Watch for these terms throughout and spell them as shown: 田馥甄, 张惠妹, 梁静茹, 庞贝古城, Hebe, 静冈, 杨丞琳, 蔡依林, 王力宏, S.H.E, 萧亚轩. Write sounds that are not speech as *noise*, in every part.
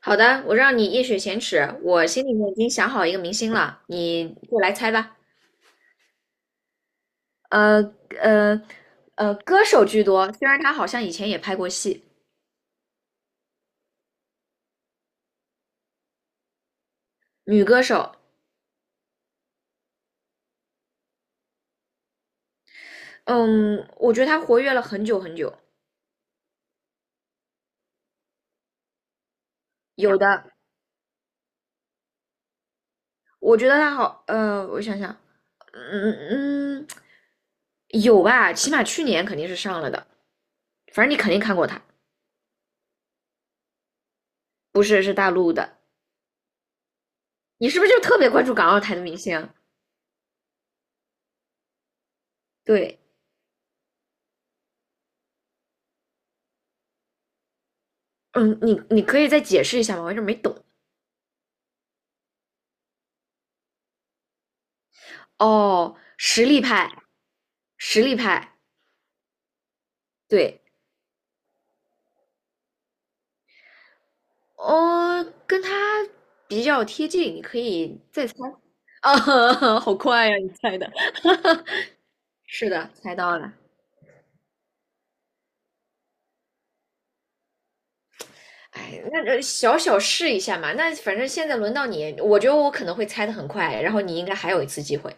好的，我让你一雪前耻，我心里面已经想好一个明星了，你过来猜吧。呃呃歌手居多，虽然她好像以前也拍过戏，女歌手。嗯，我觉得她活跃了很久很久，有的，我觉得她好，我想想，嗯嗯，有吧，起码去年肯定是上了的，反正你肯定看过她，不是是大陆的，你是不是就特别关注港澳台的明星啊对，嗯，你可以再解释一下吗？我有点没懂。哦，实力派，实力派，对，哦，跟他比较贴近，你可以再猜。啊，*laughs* 好快呀，你猜的，是的，猜到了。哎，那小小试一下嘛。那反正现在轮到你，我觉得我可能会猜的很快，然后你应该还有一次机会。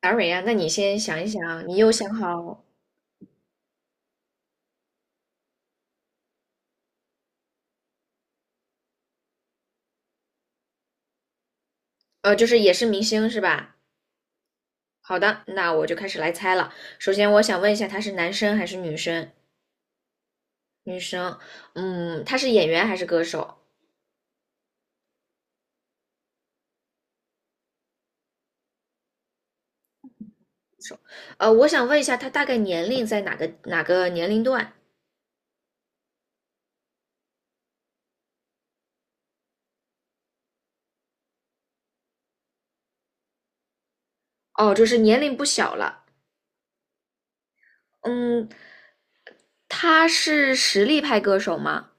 达瑞呀，啊，那你先想一想，你又想好，就是也是明星是吧？好的，那我就开始来猜了。首先，我想问一下，他是男生还是女生？女生，嗯，她是演员还是歌手？我想问一下，她大概年龄在哪个年龄段？哦，就是年龄不小了。嗯，她是实力派歌手吗？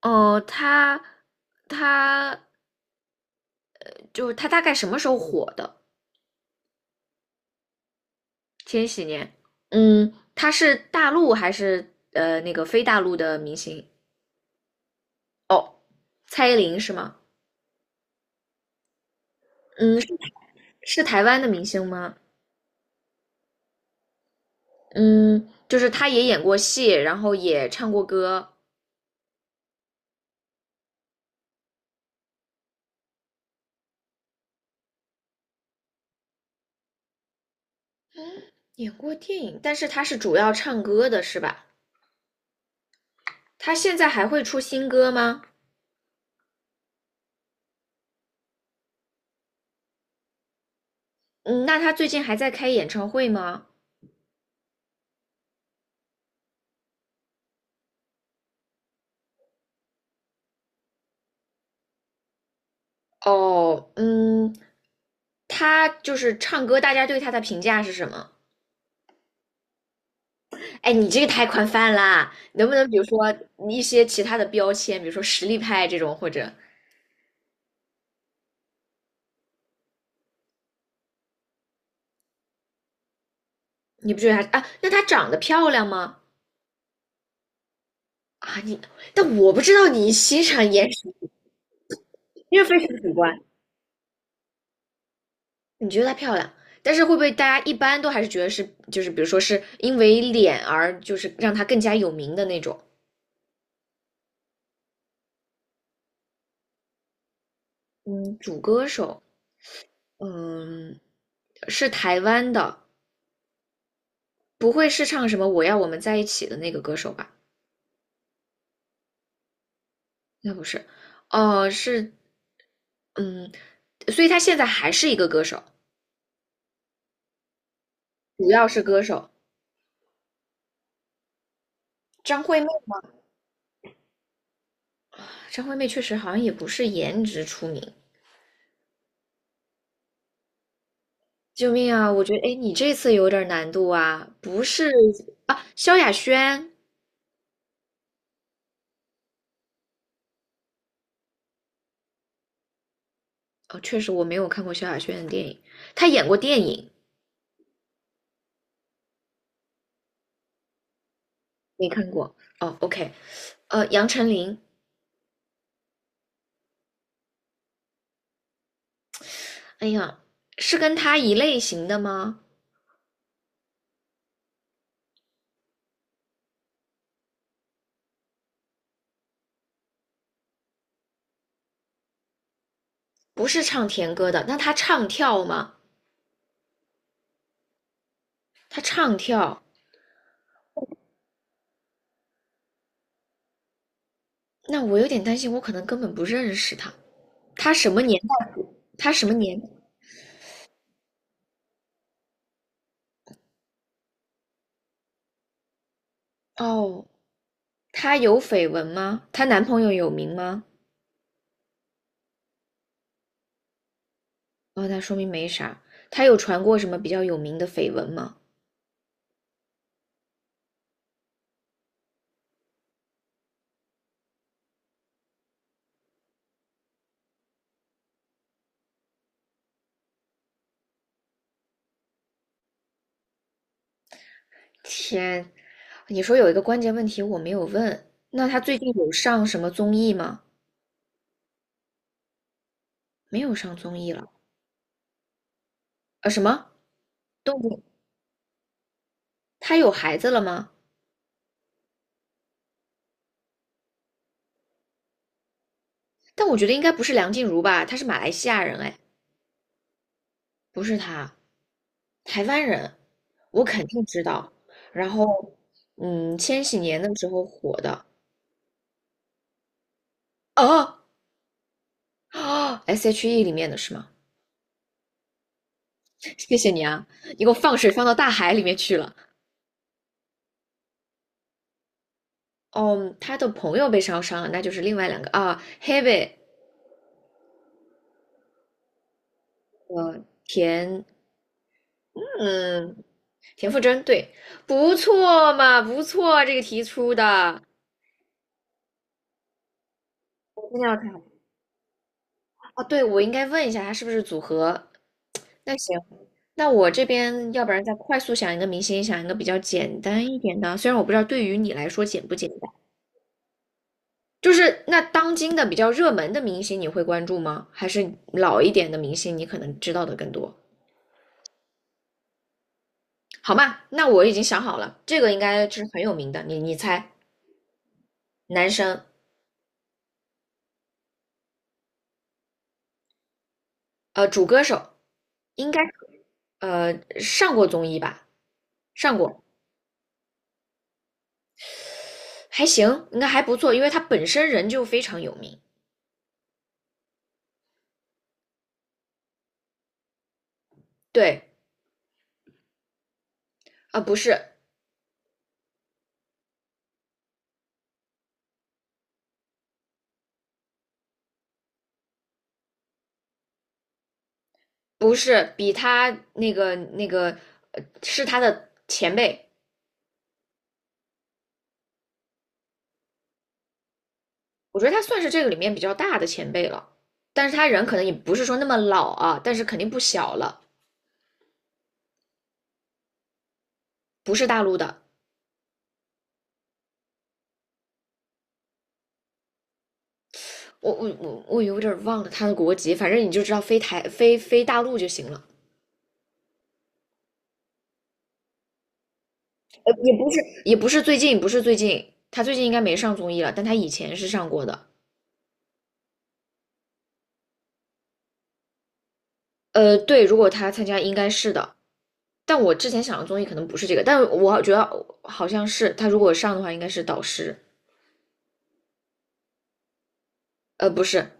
哦，她就是她大概什么时候火的？千禧年。嗯，她是大陆还是那个非大陆的明星？哦，蔡依林是吗？嗯，是台湾的明星吗？嗯，就是她也演过戏，然后也唱过歌。演过电影，但是他是主要唱歌的，是吧？他现在还会出新歌吗？嗯，那他最近还在开演唱会吗？哦，嗯，他就是唱歌，大家对他的评价是什么？哎，你这个太宽泛啦，能不能比如说一些其他的标签，比如说实力派这种，或者你不觉得他啊？那他长得漂亮吗？啊，你，但我不知道你欣赏颜值，因为非常主观。你觉得她漂亮，但是会不会大家一般都还是觉得是，就是比如说是因为脸而就是让她更加有名的那种？嗯，主歌手，嗯，是台湾的，不会是唱什么"我要我们在一起"的那个歌手吧？那不是，哦，是，嗯，所以她现在还是一个歌手，主要是歌手。张惠妹吗？张惠妹确实好像也不是颜值出名。救命啊！我觉得，哎，你这次有点难度啊，不是啊？萧亚轩哦，确实我没有看过萧亚轩的电影，她演过电影，没看过。哦，OK，杨丞琳，哎呀，是跟她一类型的吗？不是唱甜歌的，那她唱跳吗？她唱跳，那我有点担心，我可能根本不认识她。她什么年代？她什么年？哦，她有绯闻吗？她男朋友有名吗？哦，那说明没啥。她有传过什么比较有名的绯闻吗？天，你说有一个关键问题我没有问，那他最近有上什么综艺吗？没有上综艺了。什么？动物？他有孩子了吗？但我觉得应该不是梁静茹吧，她是马来西亚人，哎，不是她，台湾人，我肯定知道。然后，嗯，千禧年的时候火的，哦哦，S.H.E *gasps* 里面的是吗？*laughs* 谢谢你啊，你给我放水放到大海里面去了。哦，嗯他的朋友被烧伤了，那就是另外两个啊，Hebe 田，嗯，田馥甄，对，不错嘛，不错，这个题出的，我真的要看啊，对，我应该问一下他是不是组合。那行，那我这边要不然再快速想一个明星，想一个比较简单一点的，虽然我不知道对于你来说简不简单，就是那当今的比较热门的明星你会关注吗？还是老一点的明星你可能知道的更多？好嘛，那我已经想好了，这个应该是很有名的，你猜，男生，主歌手。应该呃上过综艺吧，上过，还行，应该还不错，因为他本身人就非常有名。对，啊、不是，比他那个是他的前辈，我觉得他算是这个里面比较大的前辈了，但是他人可能也不是说那么老啊，但是肯定不小了，不是大陆的。我有点忘了他的国籍，反正你就知道非台非大陆就行了。也不是，也不是最近，不是最近，他最近应该没上综艺了，但他以前是上过的。对，如果他参加应该是的，但我之前想的综艺可能不是这个，但我觉得好像是他如果上的话，应该是导师，不是，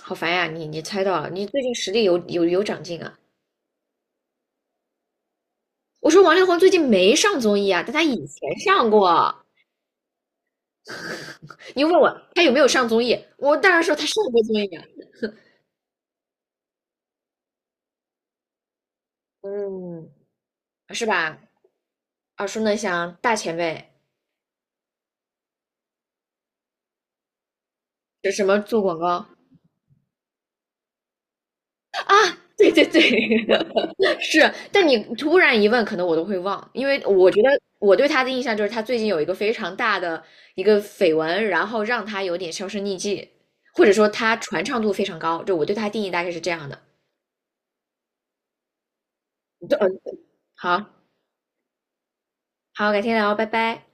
好烦呀，你猜到了，你最近实力有长进啊。我说王力宏最近没上综艺啊，但他以前上过。你又问我他有没有上综艺，我当然说他上过综艺啊，嗯，是吧？耳熟能详，大前辈，这什么做广告？*laughs* 对对对，*laughs* 是，但你突然一问，可能我都会忘，因为我觉得我对他的印象就是他最近有一个非常大的一个绯闻，然后让他有点销声匿迹，或者说他传唱度非常高，就我对他定义大概是这样的。对嗯，好，好，改天聊，拜拜。